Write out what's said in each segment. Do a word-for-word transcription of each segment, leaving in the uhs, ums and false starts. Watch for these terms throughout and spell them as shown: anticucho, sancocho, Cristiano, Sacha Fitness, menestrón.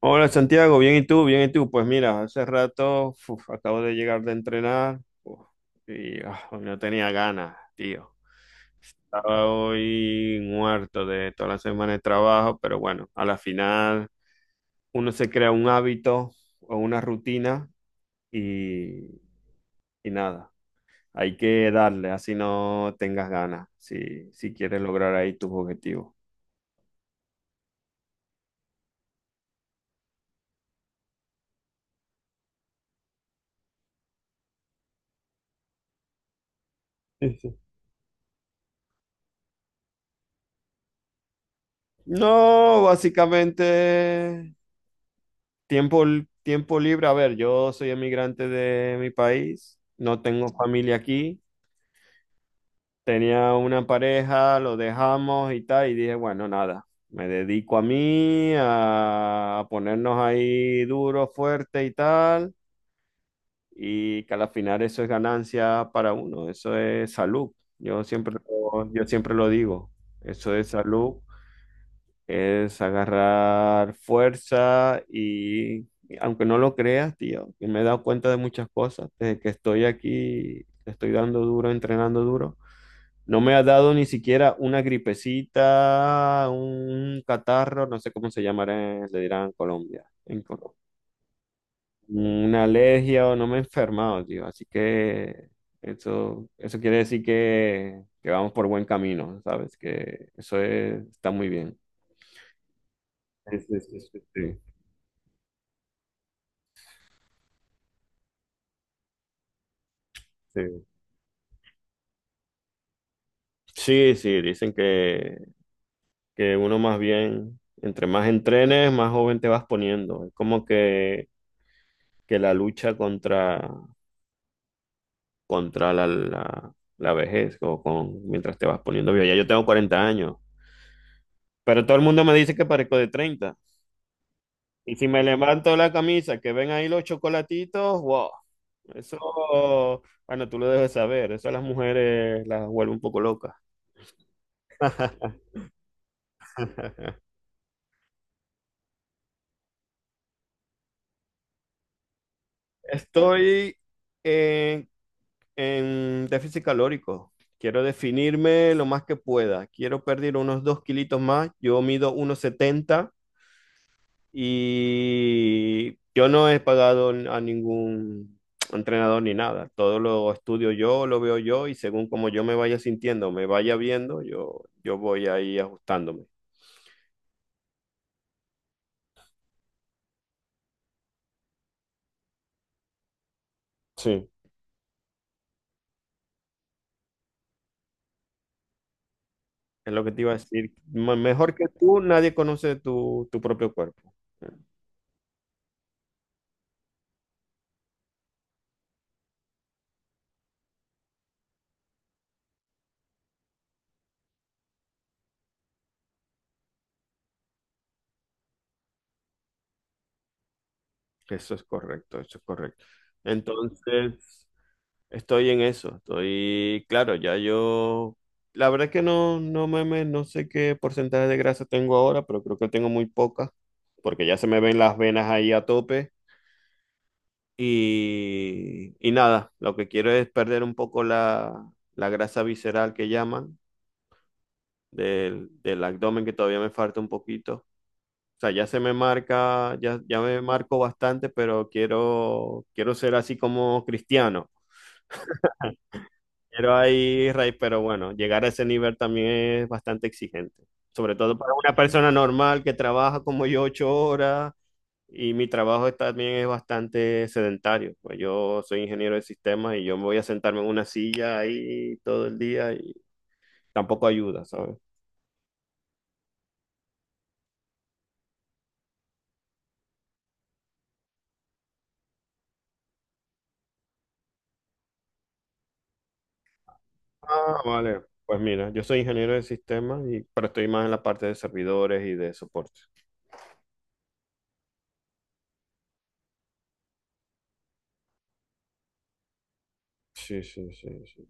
Hola Santiago, bien y tú, bien y tú. Pues mira, hace rato uf, acabo de llegar de entrenar uf, y ah, no tenía ganas, tío. Estaba hoy muerto de toda la semana de trabajo, pero bueno, a la final uno se crea un hábito o una rutina y, y nada, hay que darle, así no tengas ganas, si, si quieres lograr ahí tus objetivos. Sí, sí. No, básicamente tiempo, tiempo libre, a ver, yo soy emigrante de mi país, no tengo familia aquí, tenía una pareja, lo dejamos y tal, y dije, bueno, nada, me dedico a mí, a, a ponernos ahí duro, fuerte y tal, y que al final eso es ganancia para uno, eso es salud, yo siempre, lo- yo siempre lo digo, eso es salud. Es agarrar fuerza y, aunque no lo creas, tío, que me he dado cuenta de muchas cosas desde que estoy aquí, que estoy dando duro, entrenando duro. No me ha dado ni siquiera una gripecita, un catarro, no sé cómo se llamará, le dirán en Colombia, en Colombia. Una alergia o no me he enfermado, tío. Así que eso, eso quiere decir que, que vamos por buen camino, ¿sabes? Que eso es- está muy bien. Sí, sí, sí, sí, sí. Sí. Sí, sí, dicen que, que uno más bien, entre más entrenes, más joven te vas poniendo. Es como que, que la lucha contra, contra la, la, la vejez o con, mientras te vas poniendo viejo. Ya yo tengo cuarenta años, pero todo el mundo me dice que parezco de treinta. Y si me levanto la camisa, que ven ahí los chocolatitos, wow, eso, bueno, tú lo debes saber, eso a las mujeres las vuelve un poco locas. Estoy en en déficit calórico. Quiero definirme lo más que pueda. Quiero perder unos dos kilitos más. Yo mido uno setenta y yo no he pagado a ningún entrenador ni nada. Todo lo estudio yo, lo veo yo y según como yo me vaya sintiendo, me vaya viendo, yo, yo voy ahí ajustándome. Sí. Es lo que te iba a decir. Me- Mejor que tú, nadie conoce tu, tu propio cuerpo. Eso es correcto, eso es correcto. Entonces, estoy en eso, estoy, claro, ya yo, la verdad es que no, no me, me- no sé qué porcentaje de grasa tengo ahora, pero creo que tengo muy poca, porque ya se me ven las venas ahí a tope y, y nada, lo que quiero es perder un poco la, la grasa visceral que llaman del, del abdomen que todavía me falta un poquito. O sea, ya se me marca, ya, ya me marco bastante, pero quiero, quiero ser así como Cristiano. Quiero ahí, Rey, pero bueno, llegar a ese nivel también es bastante exigente. Sobre todo para una persona normal que trabaja como yo ocho horas y mi trabajo es- también es bastante sedentario. Pues yo soy ingeniero de sistemas y yo me voy a sentarme en una silla ahí todo el día y tampoco ayuda, ¿sabes? Ah, vale. Pues mira, yo soy ingeniero de sistemas y pero estoy más en la parte de servidores y de soporte. Sí, sí, sí, sí.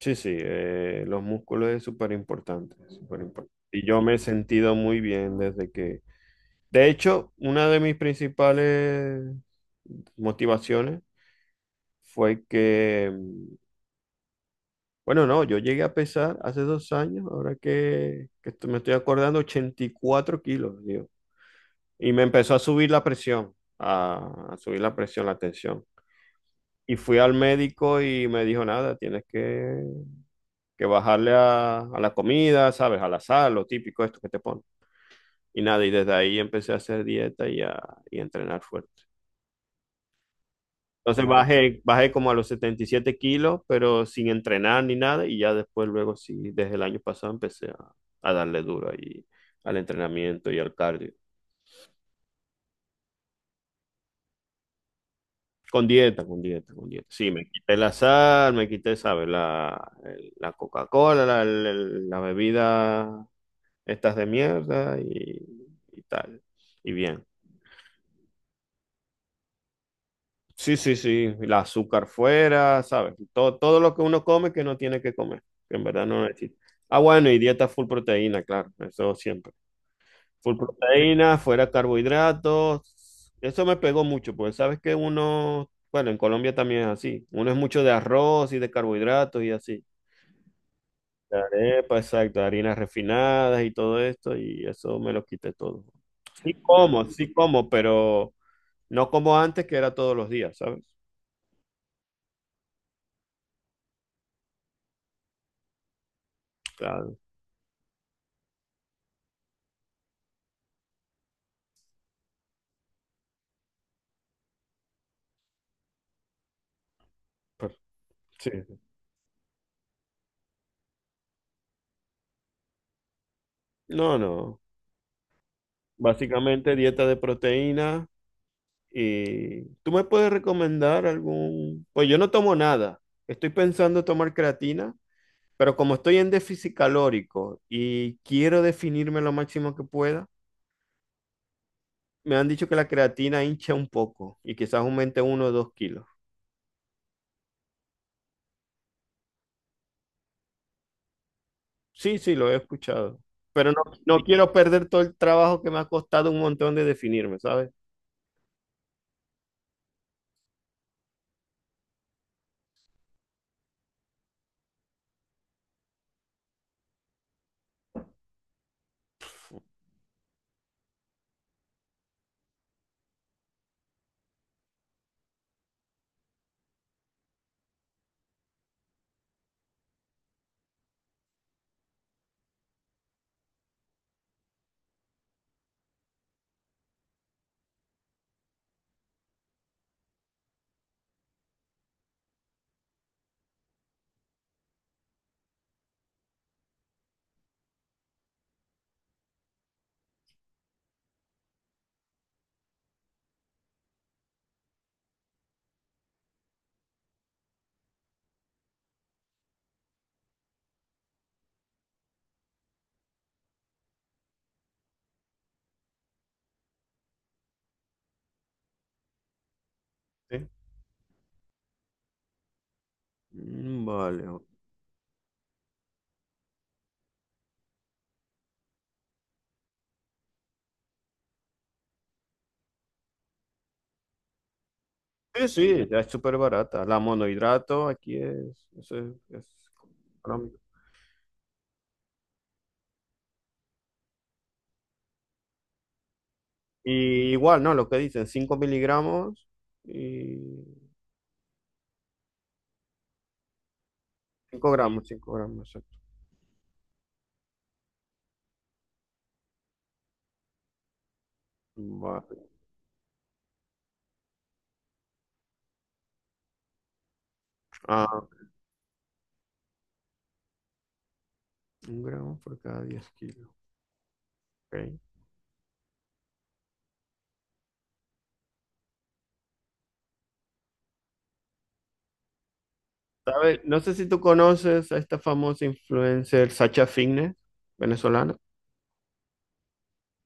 Sí, sí, eh, los músculos es súper importante, súper importante. Y yo me he sentido muy bien desde que... De hecho, una de mis principales motivaciones fue que, mm, bueno, no, yo llegué a pesar hace dos años, ahora que, que esto- me estoy acordando, ochenta y cuatro kilos, digo. Y me empezó a subir la presión, a, a subir la presión, la tensión. Y fui al médico y me dijo, nada, tienes que que bajarle a, a la comida, ¿sabes? A la sal, lo típico esto que te ponen. Y nada, y desde ahí empecé a hacer dieta y a, y a entrenar fuerte. Entonces claro, bajé, bajé como a los setenta y siete kilos, pero sin entrenar ni nada, y ya después, luego sí, desde el año pasado empecé a, a darle duro ahí al entrenamiento y al cardio. Con dieta, con dieta, con dieta. Sí, me quité la sal, me quité, ¿sabes? La, el- la Coca-Cola, la, el- la bebida estas de mierda y, y tal. Y bien. Sí, sí, sí, el azúcar fuera, ¿sabes? Todo, todo lo que uno come que no tiene que comer, que en verdad no necesita. Ah, bueno, y dieta full proteína, claro, eso siempre. Full proteína, fuera carbohidratos. Eso me pegó mucho, porque sabes que uno, bueno, en Colombia también es así. Uno es mucho de arroz y de carbohidratos y así. De arepa, exacto, harinas refinadas y todo esto, y eso me lo quité todo. Sí como, sí como, pero no como antes, que era todos los días, ¿sabes? Claro, sí. No, no. Básicamente dieta de proteína. Y tú me puedes recomendar algún... Pues yo no tomo nada. Estoy pensando tomar creatina, pero como estoy en déficit calórico y quiero definirme lo máximo que pueda, me han dicho que la creatina hincha un poco y quizás aumente uno o dos kilos. Sí, sí, lo he escuchado. Pero no, no quiero perder todo el trabajo que me ha costado un montón de definirme, ¿sabes? Sí. Mm, vale. Sí, sí, ya es súper barata. La monohidrato aquí es, eso es, es económico. Y igual, ¿no? Lo que dicen, cinco miligramos y cinco gramos, cinco gramos, exacto. Vale. Ah, un gramo por cada diez kilos. Ok. ¿Sabes? No sé si tú conoces a esta famosa influencer Sacha Fitness, venezolana.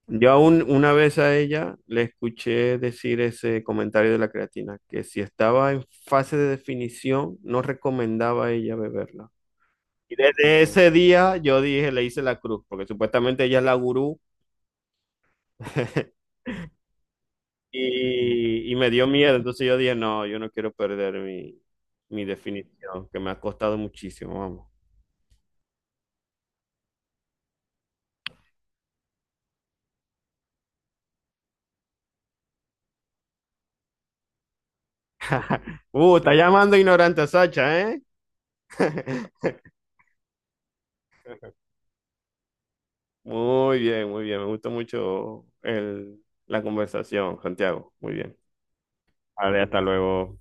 Yo aún una vez a ella le escuché decir ese comentario de la creatina, que si estaba en fase de definición, no recomendaba a ella beberla. Y desde ese día yo dije, le hice la cruz, porque supuestamente ella es la gurú y, y me dio miedo. Entonces yo dije, no, yo no quiero perder mi, mi definición, que me ha costado muchísimo, vamos. Uh, está llamando ignorante a Sacha, ¿eh? Muy bien, muy bien. Me gustó mucho el, la conversación, Santiago. Muy bien. Vale, hasta luego.